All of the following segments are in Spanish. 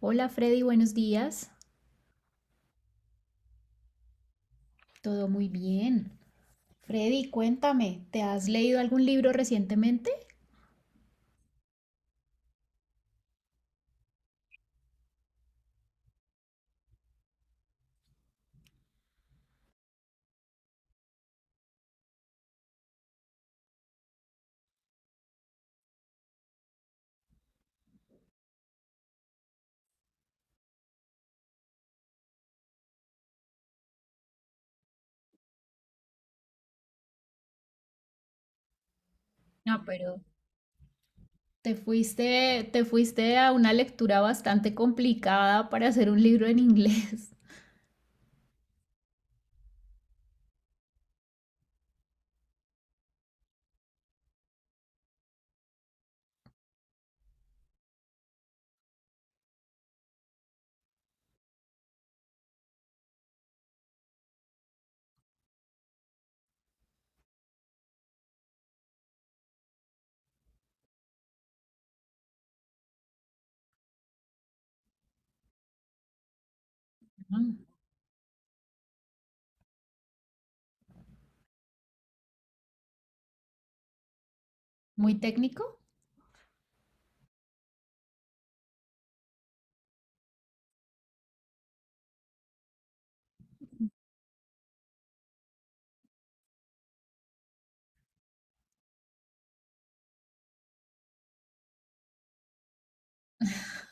Hola Freddy, buenos días. Todo muy bien. Freddy, cuéntame, ¿te has leído algún libro recientemente? No, pero te fuiste, te fuiste a una lectura bastante complicada para hacer un libro en inglés. mm, muy técnico.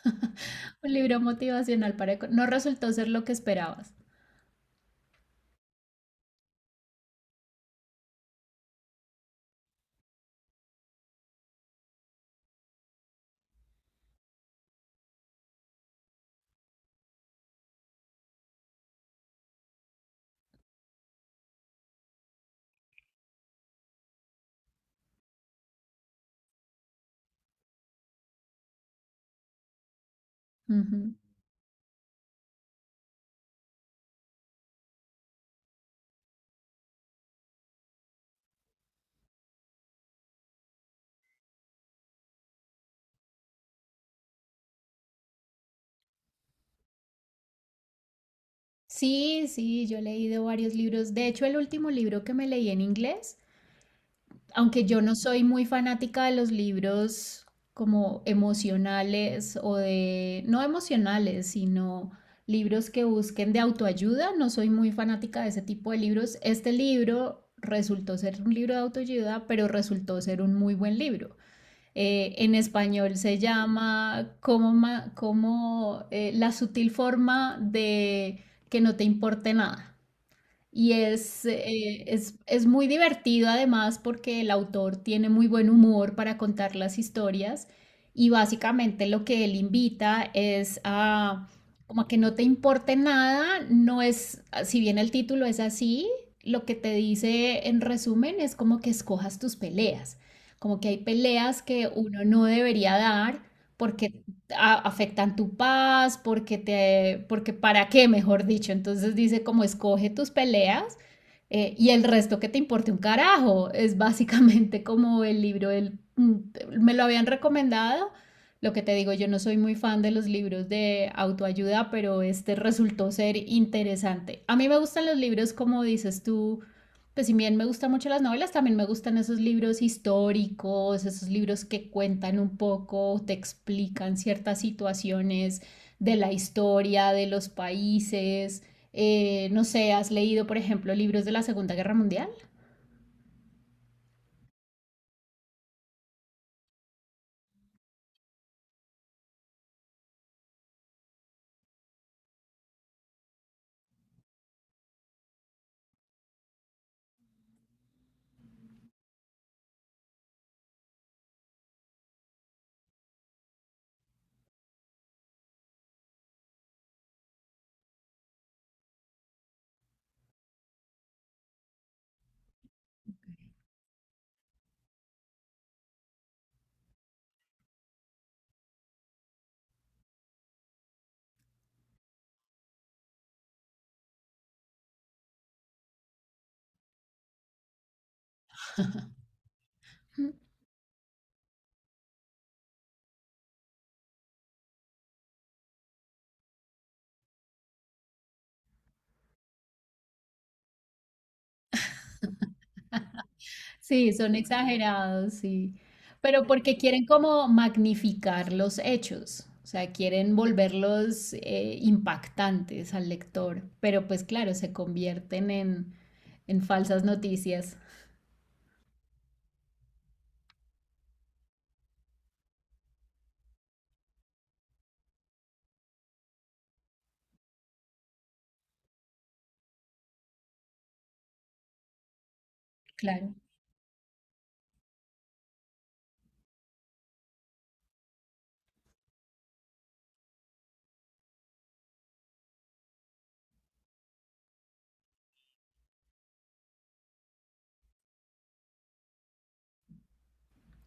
Un libro motivacional para... No resultó ser lo que esperabas. Ujú. Sí, yo he leído varios libros. De hecho, el último libro que me leí en inglés, aunque yo no soy muy fanática de los libros como emocionales o de, no emocionales, sino libros que busquen de autoayuda, no soy muy fanática de ese tipo de libros. Este libro resultó ser un libro de autoayuda, pero resultó ser un muy buen libro. En español se llama como, como, la sutil forma de que no te importe nada. Y es muy divertido además porque el autor tiene muy buen humor para contar las historias, y básicamente lo que él invita es a como a que no te importe nada. No es, si bien el título es así, lo que te dice en resumen es como que escojas tus peleas, como que hay peleas que uno no debería dar porque afectan tu paz, porque te, porque para qué, mejor dicho. Entonces dice como escoge tus peleas, y el resto que te importe un carajo. Es básicamente como el libro del, mm, me lo habían recomendado. Lo que te digo, yo no soy muy fan de los libros de autoayuda, pero este resultó ser interesante. A mí me gustan los libros, como dices tú. Pues si bien me gustan mucho las novelas, también me gustan esos libros históricos, esos libros que cuentan un poco, te explican ciertas situaciones de la historia, de los países. No sé, ¿has leído, por ejemplo, libros de la Segunda Guerra Mundial? Sí, son exagerados, sí. Pero porque quieren como magnificar los hechos, o sea, quieren volverlos, impactantes al lector, pero pues claro, se convierten en falsas noticias. Claro,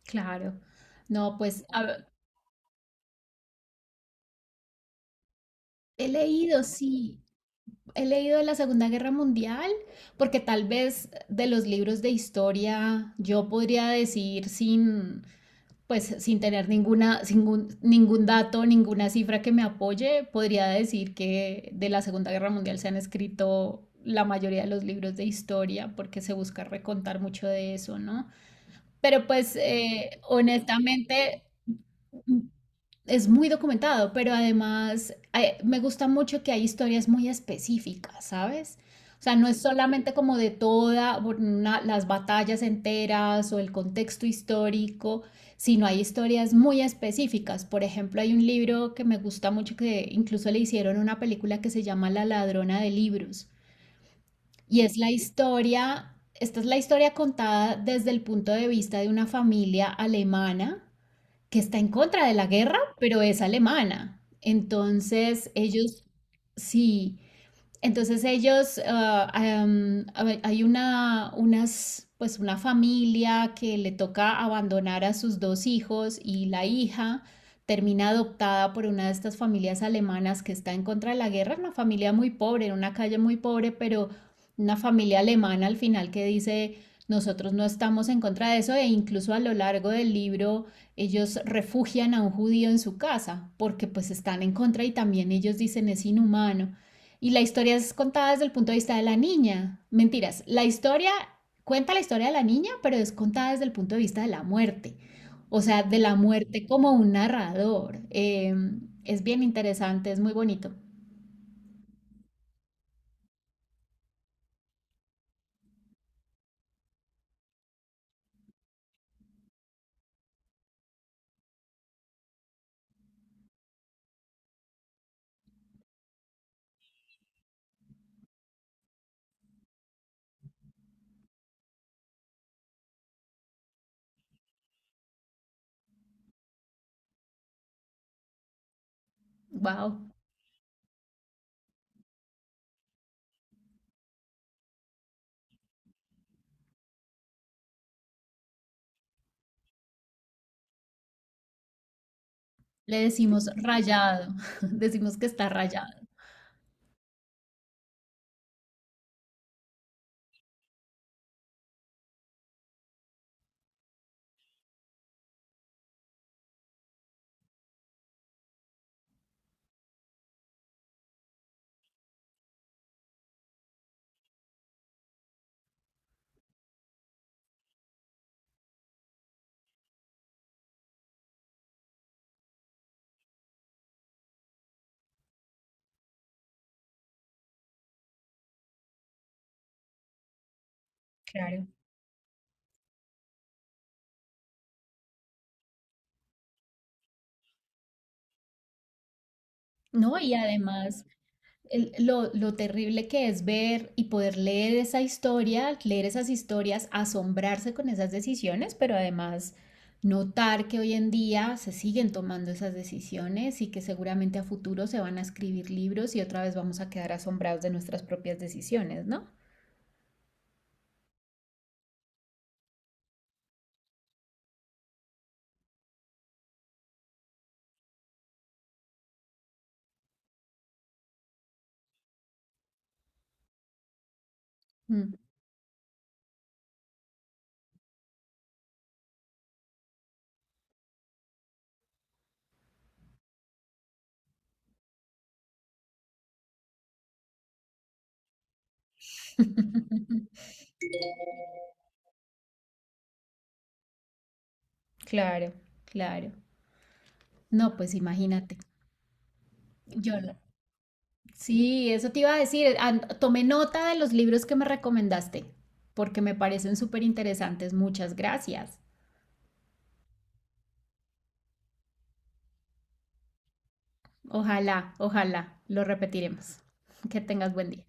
claro. No, pues a ver, he leído, sí, he leído de la Segunda Guerra Mundial, porque tal vez de los libros de historia yo podría decir sin, pues sin tener ninguna, sin ningún dato, ninguna cifra que me apoye, podría decir que de la Segunda Guerra Mundial se han escrito la mayoría de los libros de historia porque se busca recontar mucho de eso, ¿no? Pero pues, honestamente es muy documentado, pero además, me gusta mucho que hay historias muy específicas, ¿sabes? O sea, no es solamente como de todas las batallas enteras o el contexto histórico, sino hay historias muy específicas. Por ejemplo, hay un libro que me gusta mucho que incluso le hicieron una película que se llama La ladrona de libros. Y es la historia, esta es la historia contada desde el punto de vista de una familia alemana que está en contra de la guerra, pero es alemana. Entonces, ellos sí, entonces ellos, ah, hay una, unas, pues una familia que le toca abandonar a sus dos hijos, y la hija termina adoptada por una de estas familias alemanas que está en contra de la guerra, una familia muy pobre, en una calle muy pobre, pero una familia alemana al final que dice, nosotros no estamos en contra de eso, e incluso a lo largo del libro ellos refugian a un judío en su casa porque pues están en contra y también ellos dicen es inhumano. Y la historia es contada desde el punto de vista de la niña. Mentiras, la historia cuenta la historia de la niña, pero es contada desde el punto de vista de la muerte. O sea, de la muerte como un narrador. Es bien interesante, es muy bonito. Wow. Le decimos rayado, decimos que está rayado. Claro. No, y además, lo terrible que es ver y poder leer esa historia, leer esas historias, asombrarse con esas decisiones, pero además notar que hoy en día se siguen tomando esas decisiones y que seguramente a futuro se van a escribir libros y otra vez vamos a quedar asombrados de nuestras propias decisiones, ¿no? Mm, claro, claro. No, pues imagínate. Yo no. Sí, eso te iba a decir. Tomé nota de los libros que me recomendaste, porque me parecen súper interesantes. Muchas gracias. Ojalá, ojalá, lo repetiremos. Que tengas buen día.